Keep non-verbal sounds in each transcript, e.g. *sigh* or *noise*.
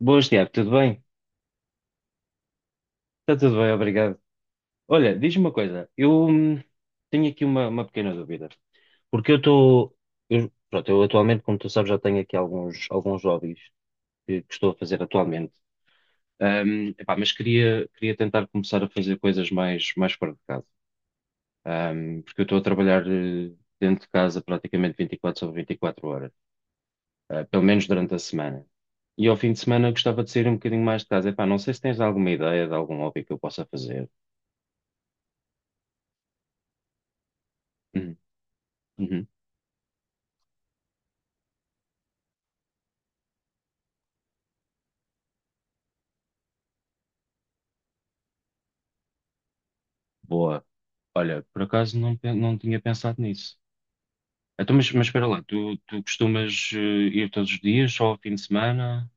Boas, Tiago, tudo bem? Está tudo bem, obrigado. Olha, diz-me uma coisa, eu tenho aqui uma pequena dúvida, porque pronto, eu atualmente, como tu sabes, já tenho aqui alguns, hobbies que estou a fazer atualmente. Epá, mas queria, tentar começar a fazer coisas mais fora de casa. Porque eu estou a trabalhar dentro de casa praticamente 24 sobre 24 horas, pelo menos durante a semana. E ao fim de semana eu gostava de sair um bocadinho mais de casa. Epá, não sei se tens alguma ideia de algum hobby que eu possa fazer. Hum. Uhum. Boa. Olha, por acaso não tinha pensado nisso. Então, mas espera lá, tu costumas ir todos os dias, só ao fim de semana?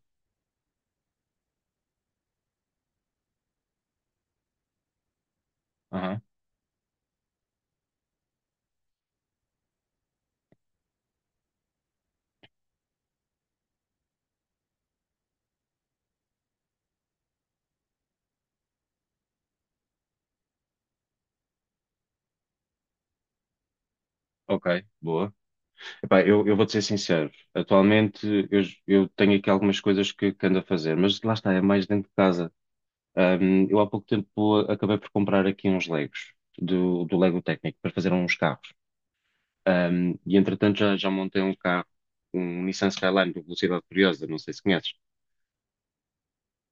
Aham. Ok, boa. Epá, eu vou-te ser sincero. Atualmente eu tenho aqui algumas coisas que ando a fazer, mas lá está, é mais dentro de casa. Eu há pouco tempo acabei por comprar aqui uns Legos do Lego Técnico para fazer uns carros. E entretanto já montei um carro, um Nissan Skyline de Velocidade Furiosa, não sei se conheces.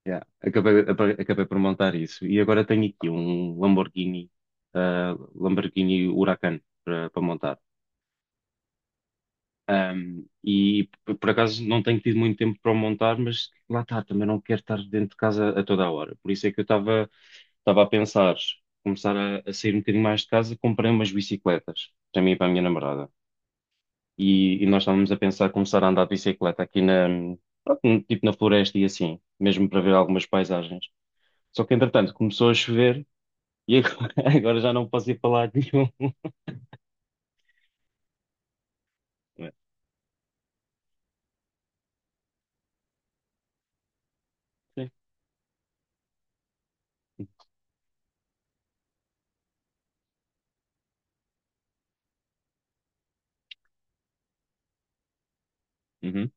Yeah. Acabei por montar isso. E agora tenho aqui um Lamborghini Huracan para montar. E por acaso não tenho tido muito tempo para o montar, mas lá está, também não quero estar dentro de casa a toda a hora. Por isso é que eu estava a pensar começar a sair um bocadinho mais de casa, comprei umas bicicletas para mim e para a minha namorada. E nós estávamos a pensar começar a andar de bicicleta aqui pronto, tipo na floresta e assim, mesmo para ver algumas paisagens. Só que entretanto começou a chover. E agora, *laughs* agora já não posso ir falar de nenhum. Não é? Sim. Uhum,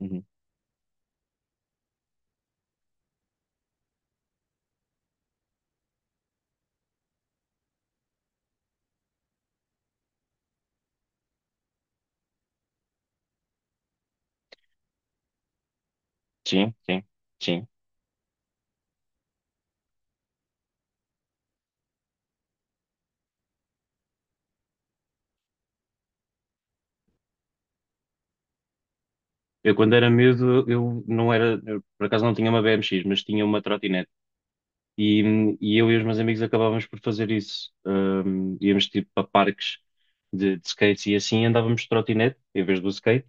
uhum. Sim, sim. Sim. Eu, quando era miúdo, eu não era, eu, por acaso não tinha uma BMX, mas tinha uma trotinete. E eu e os meus amigos acabávamos por fazer isso. Íamos tipo para parques de skates e assim andávamos de trotinete em vez do skate.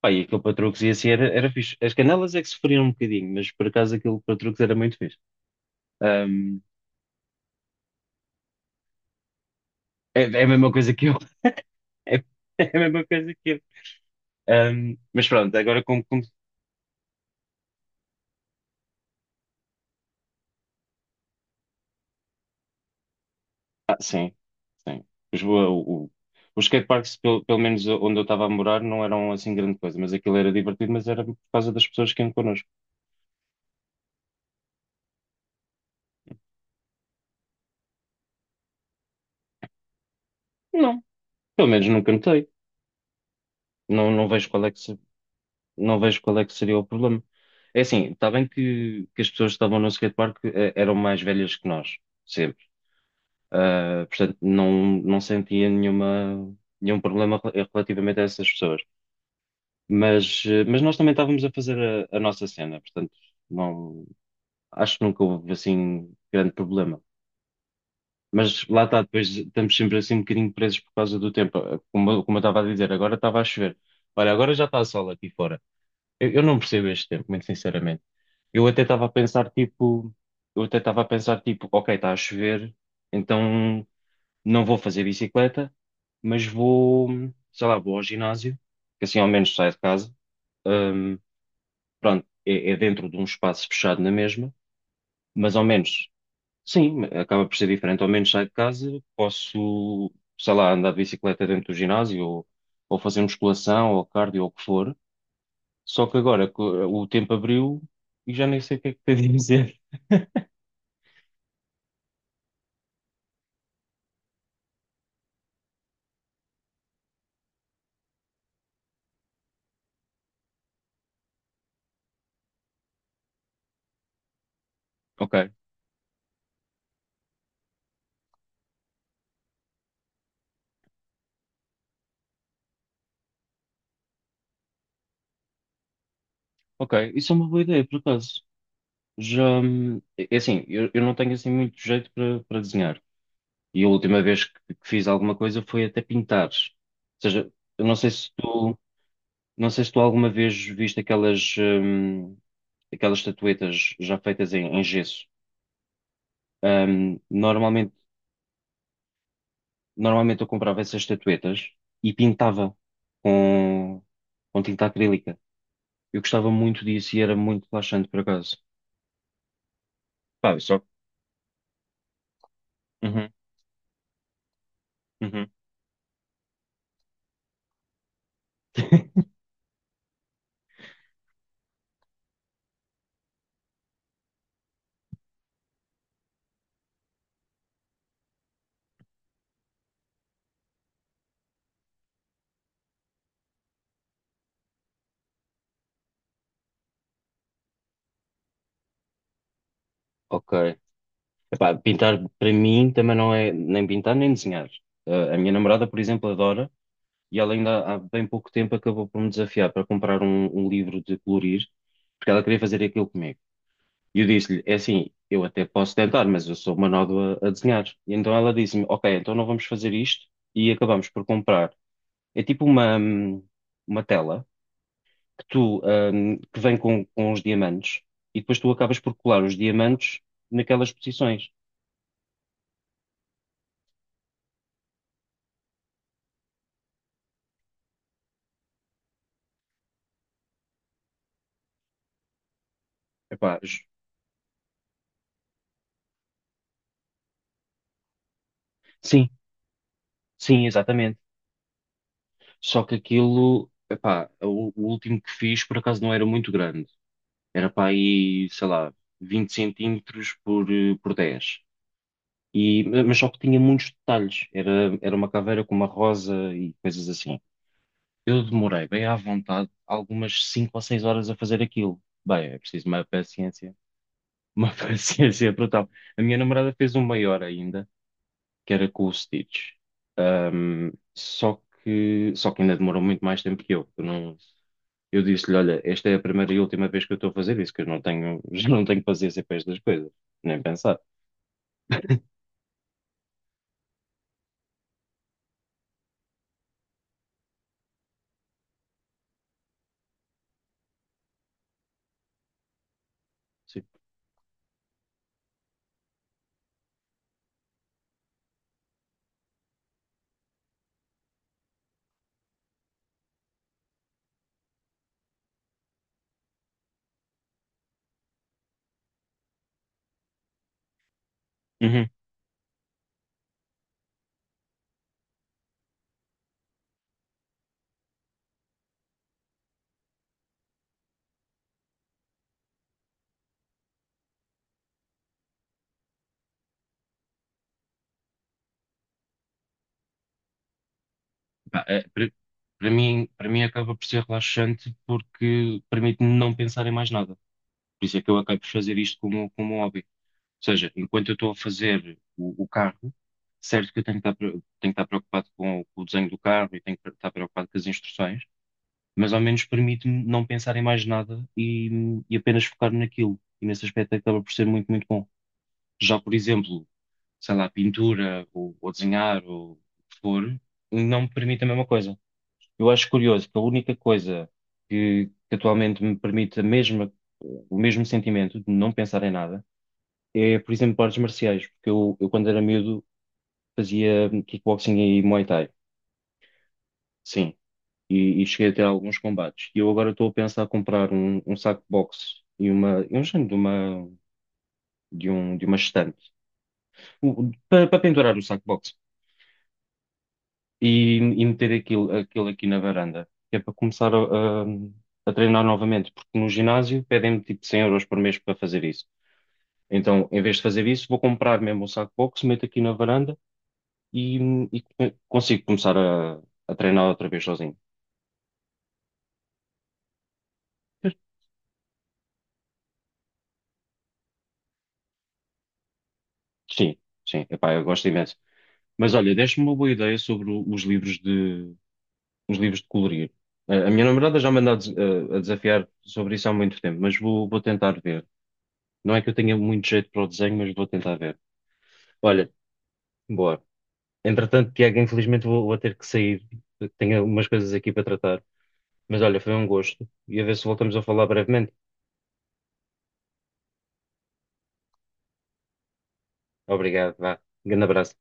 Pá, e aquilo para truques e assim era fixe. As canelas é que sofriam um bocadinho, mas por acaso aquilo para truques era muito fixe. Ahm, é a mesma coisa que eu. *laughs* É, a mesma coisa que eu. Mas pronto, agora. Ah, sim, sim. Os, o, o, os skateparks, pelo menos onde eu estava a morar, não eram assim grande coisa, mas aquilo era divertido, mas era por causa das pessoas que iam connosco. Não, pelo menos nunca notei. Não, não vejo qual é que. Não vejo qual é que seria o problema. É assim, está bem que as pessoas que estavam no skatepark eram mais velhas que nós, sempre. Ah, portanto, não sentia nenhum problema relativamente a essas pessoas. Mas nós também estávamos a fazer a nossa cena, portanto, não, acho que nunca houve assim grande problema. Mas lá está, depois estamos sempre assim um bocadinho presos por causa do tempo. Como eu estava a dizer, agora estava a chover. Olha, agora já está a sol aqui fora. Eu não percebo este tempo, muito sinceramente. Eu até estava a pensar tipo, eu até estava a pensar tipo, ok, está a chover, então não vou fazer bicicleta, mas vou, sei lá, vou ao ginásio, que assim ao menos saio de casa. Hum, Pronto, é dentro de um espaço fechado na mesma, mas ao menos, sim, acaba por ser diferente. Ao menos saio de casa, posso, sei lá, andar de bicicleta dentro do ginásio ou, fazer musculação ou cardio ou o que for. Só que agora o tempo abriu e já nem sei o que é que tenho de dizer. *laughs* Ok, ok. Isso é uma boa ideia, por acaso. Já, é assim, eu não tenho assim muito jeito para desenhar. E a última vez que fiz alguma coisa foi até pintar. Ou seja, eu não sei se tu. Não sei se tu alguma vez viste aquelas estatuetas já feitas em gesso. Hum, normalmente, normalmente, eu comprava essas estatuetas e pintava com, com tinta acrílica. Eu gostava muito disso e era muito relaxante, por acaso. Pá, eu só. Uhum, uhum. Ok. Epá, pintar para mim também não é nem pintar nem desenhar. A minha namorada, por exemplo, adora e ela ainda há bem pouco tempo acabou por me desafiar para comprar um livro de colorir porque ela queria fazer aquilo comigo. E eu disse-lhe, é assim, eu até posso tentar, mas eu sou uma nódoa a desenhar. E então ela disse-me, ok, então não vamos fazer isto e acabamos por comprar. É tipo uma tela que vem com os diamantes e depois tu acabas por colar os diamantes naquelas posições. Epá, sim, sim, exatamente. Só que aquilo, epá, o último que fiz por acaso não era muito grande. Era para aí, sei lá, 20 centímetros por 10. E, mas só que tinha muitos detalhes. Era uma caveira com uma rosa e coisas assim. Eu demorei bem à vontade algumas 5 ou 6 horas a fazer aquilo. Bem, é preciso uma paciência. Uma *laughs* paciência brutal. A minha namorada fez um maior ainda, que era com o Stitch. Só que ainda demorou muito mais tempo que eu. Eu não, eu disse-lhe, olha, esta é a primeira e última vez que eu estou a fazer isso, que eu não tenho, *laughs* já não tenho paciência para estas coisas. Nem pensar. Sim. Uhum. Pá, para mim acaba por ser relaxante porque permite-me não pensar em mais nada. Por isso é que eu acabo por fazer isto como um hobby. Ou seja, enquanto eu estou a fazer o carro, certo que eu tenho que estar preocupado com o desenho do carro e tenho que estar preocupado com as instruções, mas ao menos permite-me não pensar em mais nada e apenas focar naquilo. E nesse aspecto acaba por ser muito, muito bom. Já, por exemplo, sei lá, pintura ou, desenhar ou o que for, não me permite a mesma coisa. Eu acho curioso que a única coisa que atualmente me permite o mesmo sentimento de não pensar em nada é, por exemplo, artes marciais, porque eu quando era miúdo fazia kickboxing e Muay Thai, sim, e cheguei a ter alguns combates. E eu agora estou a pensar em comprar um saco de boxe e um género de uma estante. Para pendurar o saco de boxe. E meter aquilo aqui na varanda, que é para começar a treinar novamente, porque no ginásio pedem-me tipo 100 euros por mês para fazer isso. Então, em vez de fazer isso, vou comprar mesmo um saco de boxe, meto aqui na varanda e, e consigo começar a treinar outra vez sozinho. Sim, sim, epá, eu gosto imenso. Mas olha, deste-me uma boa ideia sobre os livros de colorir. A minha namorada já me anda a desafiar sobre isso há muito tempo, mas vou tentar ver. Não é que eu tenha muito jeito para o desenho, mas vou tentar ver. Olha, boa. Entretanto, Tiago, infelizmente vou ter que sair. Tenho algumas coisas aqui para tratar. Mas olha, foi um gosto. E a ver se voltamos a falar brevemente. Obrigado, vá. Grande abraço.